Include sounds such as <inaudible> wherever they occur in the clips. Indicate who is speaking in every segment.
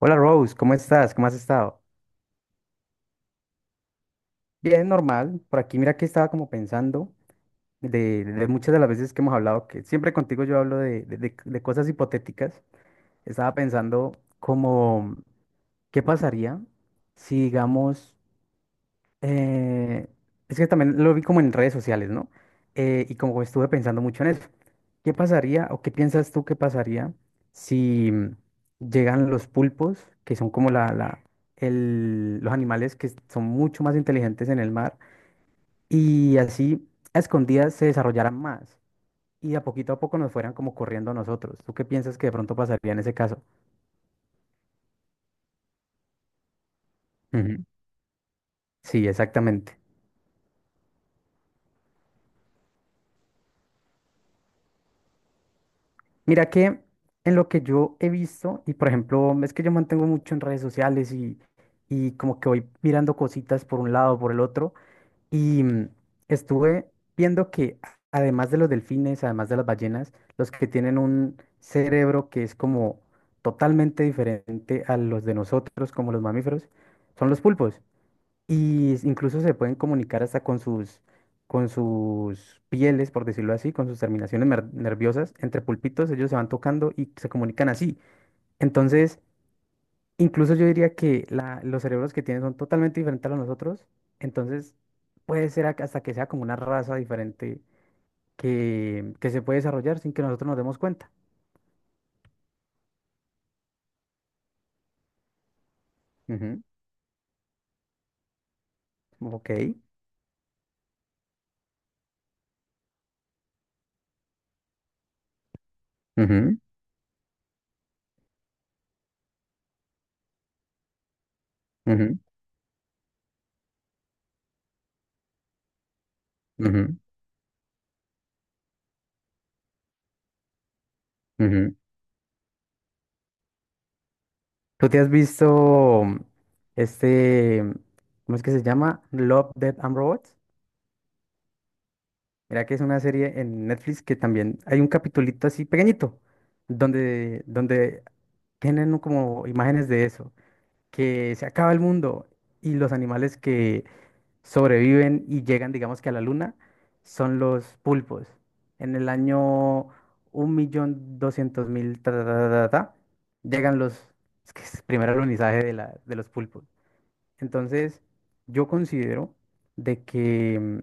Speaker 1: Hola Rose, ¿cómo estás? ¿Cómo has estado? Bien, normal. Por aquí mira que estaba como pensando de muchas de las veces que hemos hablado, que siempre contigo yo hablo de cosas hipotéticas. Estaba pensando como, ¿qué pasaría si digamos... Eh, es que también lo vi como en redes sociales, ¿no? Y como estuve pensando mucho en eso. ¿Qué pasaría o qué piensas tú que pasaría si llegan los pulpos, que son como los animales que son mucho más inteligentes en el mar, y así a escondidas se desarrollaran más y de a poquito a poco nos fueran como corriendo a nosotros? ¿Tú qué piensas que de pronto pasaría en ese caso? Ujú. Sí, exactamente. Mira que en lo que yo he visto, y por ejemplo, es que yo mantengo mucho en redes sociales y como que voy mirando cositas por un lado, por el otro, y estuve viendo que además de los delfines, además de las ballenas, los que tienen un cerebro que es como totalmente diferente a los de nosotros, como los mamíferos, son los pulpos. Y incluso se pueden comunicar hasta con sus pieles, por decirlo así, con sus terminaciones nerviosas. Entre pulpitos ellos se van tocando y se comunican así. Entonces, incluso yo diría que los cerebros que tienen son totalmente diferentes a los nosotros. Entonces, puede ser hasta que sea como una raza diferente que se puede desarrollar sin que nosotros nos demos cuenta. Ujú, ok. Ujú, ujú, ujú, ujú. ¿Tú te has visto, este, cómo es que se llama? Love, Death and Robots. Mira que es una serie en Netflix que también hay un capitulito así pequeñito, donde tienen como imágenes de eso, que se acaba el mundo y los animales que sobreviven y llegan, digamos que a la luna, son los pulpos. En el año 1,200,000, ta, ta, ta, ta, ta, llegan es que es el primer alunizaje de los pulpos. Entonces, yo considero de que,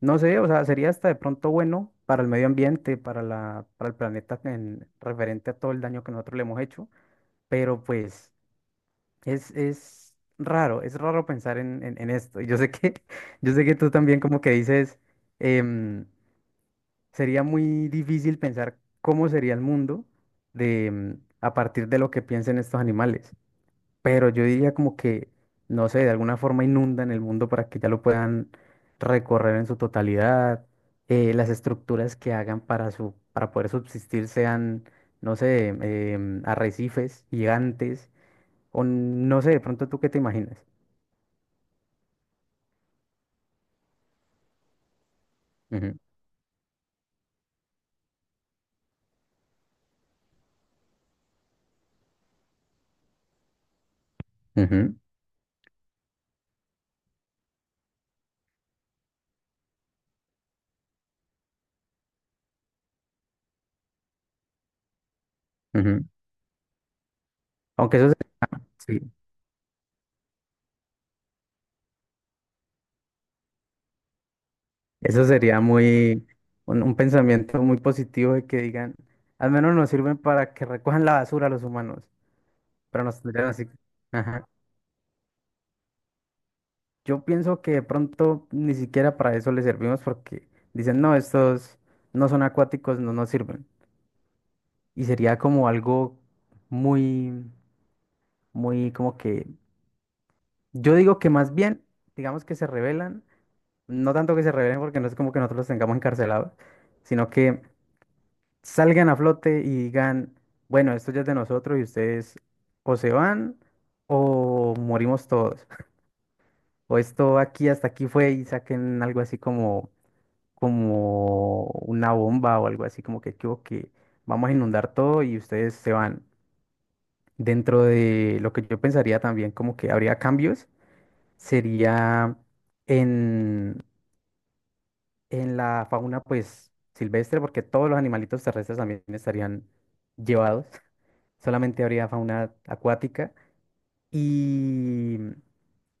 Speaker 1: no sé, o sea, sería hasta de pronto bueno para el medio ambiente, para el planeta en referente a todo el daño que nosotros le hemos hecho, pero pues es raro pensar en esto. Y yo sé que, <laughs> yo sé que tú también como que dices, em, sería muy difícil pensar cómo sería el mundo de, mm, a partir de lo que piensen estos animales, pero yo diría como que, no sé, de alguna forma inundan el mundo para que ya lo puedan recorrer en su totalidad, las estructuras que hagan para, para poder subsistir sean, no sé, arrecifes gigantes, o no sé, de pronto tú qué te imaginas. Ujú, ujú, ujú. Aunque eso, sí, eso sería un pensamiento muy positivo de que digan, al menos nos sirven para que recojan la basura los humanos, pero nos tendrían así. Yo pienso que de pronto ni siquiera para eso les servimos porque dicen, no, estos no son acuáticos, no nos sirven. Y sería como algo muy, muy como que, yo digo que más bien, digamos que se rebelan, no tanto que se rebelen porque no es como que nosotros los tengamos encarcelados, sino que salgan a flote y digan, bueno, esto ya es de nosotros y ustedes o se van o morimos todos. <laughs> O esto aquí hasta aquí fue y saquen algo así como una bomba o algo así, como que, "Chvo, que vamos a inundar todo y ustedes se van". Dentro de lo que yo pensaría también, como que habría cambios, sería en, en la fauna pues silvestre, porque todos los animalitos terrestres también estarían llevados, <laughs> solamente habría fauna acuática. y,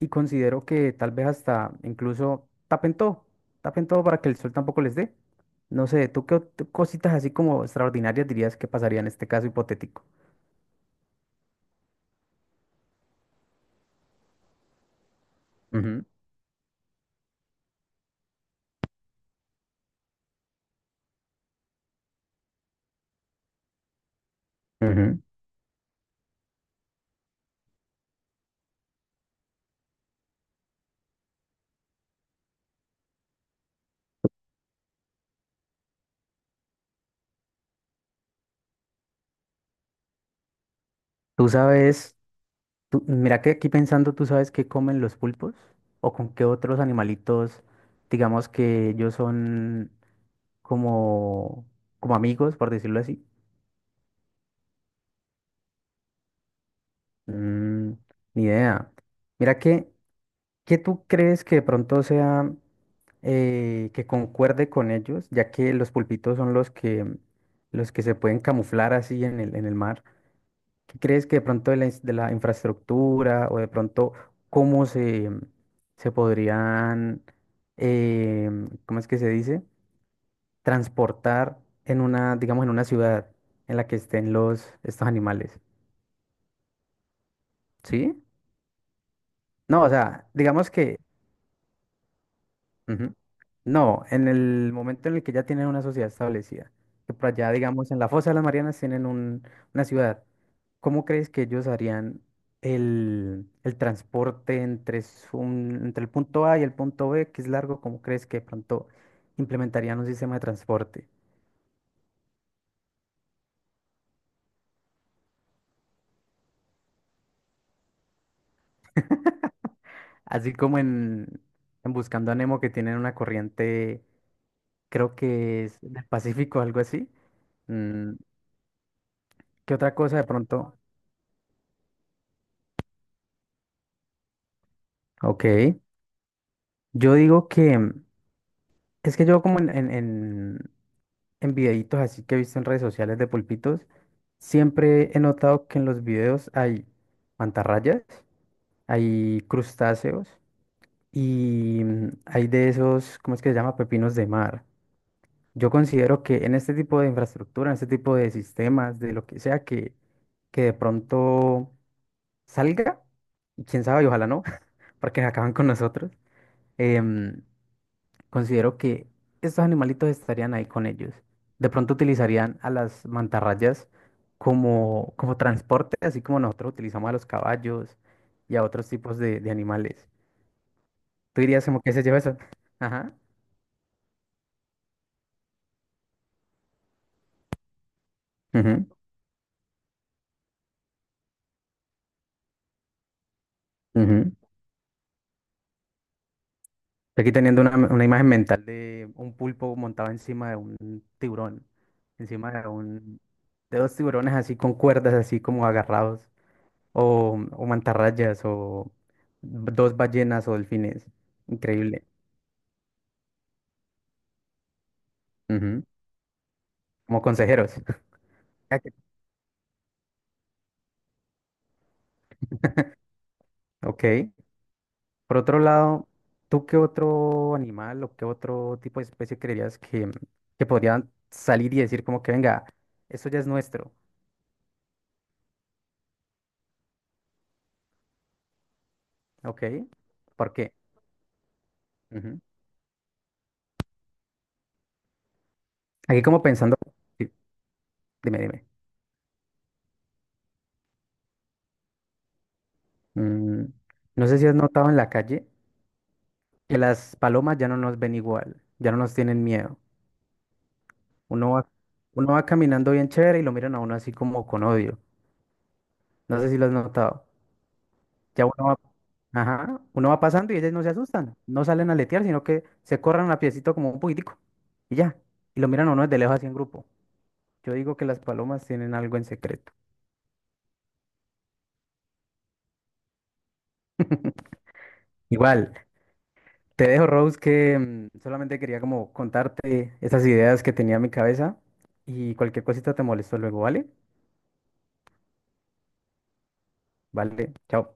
Speaker 1: y considero que tal vez hasta incluso tapen todo para que el sol tampoco les dé. No sé, ¿tú qué cositas así como extraordinarias dirías que pasaría en este caso hipotético? Ujú, ujú. Tú sabes, mira que aquí pensando, ¿tú sabes qué comen los pulpos? ¿O con qué otros animalitos, digamos que ellos son como, como amigos, por decirlo así? Mm, ni idea. Mira que, ¿qué tú crees que de pronto sea, que concuerde con ellos, ya que los pulpitos son los que se pueden camuflar así en el mar? ¿Qué crees que de pronto de la infraestructura, o de pronto cómo se podrían... eh, ¿Cómo es que se dice? Transportar en una, digamos, en una ciudad en la que estén estos animales. ¿Sí? No, o sea, digamos que... Ujú. No, en el momento en el que ya tienen una sociedad establecida, que por allá, digamos, en la Fosa de las Marianas tienen una ciudad, ¿cómo crees que ellos harían el transporte entre, entre el punto A y el punto B, que es largo? ¿Cómo crees que de pronto implementarían un sistema de transporte? Así como en Buscando a Nemo, que tienen una corriente, creo que es del Pacífico, algo así. Mm, ¿Qué otra cosa de pronto? Ok, yo digo que... Es que yo como en videitos así que he visto en redes sociales de pulpitos, siempre he notado que en los videos hay mantarrayas, hay crustáceos y hay de esos, ¿cómo es que se llama? Pepinos de mar. Yo considero que en este tipo de infraestructura, en este tipo de sistemas, de lo que sea que de pronto salga, y quién sabe, y ojalá no, <laughs> porque acaban con nosotros. em, Considero que estos animalitos estarían ahí con ellos. De pronto utilizarían a las mantarrayas como transporte, así como nosotros utilizamos a los caballos y a otros tipos de animales. ¿Tú dirías como que se lleva eso? Ajá. Ujú, ujú. Estoy aquí teniendo una imagen mental de un pulpo montado encima de un tiburón, encima de de dos tiburones así con cuerdas, así como agarrados, o, mantarrayas, o dos ballenas o delfines. Increíble. Ujú, como consejeros. Ya que- Ok. Por otro lado, ¿tú qué otro animal o qué otro tipo de especie creerías que podrían salir y decir como que venga, esto ya es nuestro? ¿Ok? ¿Por qué? Ujú. Aquí como pensando, sí, dime, dime. Mm, no sé si has notado en la calle que las palomas ya no nos ven igual, ya no nos tienen miedo. Uno va, uno va caminando bien chévere y lo miran a uno así como con odio. No sé si lo has notado. Ya uno va, ajá, uno va pasando y ellos no se asustan, no salen a letear, sino que se corran a piecito como un poquitico y ya. Y lo miran a uno desde lejos así en grupo. Yo digo que las palomas tienen algo en secreto. <laughs> Igual, te dejo, Rose, que solamente quería como contarte esas ideas que tenía en mi cabeza y cualquier cosita te molesto luego, ¿vale? Vale, chao.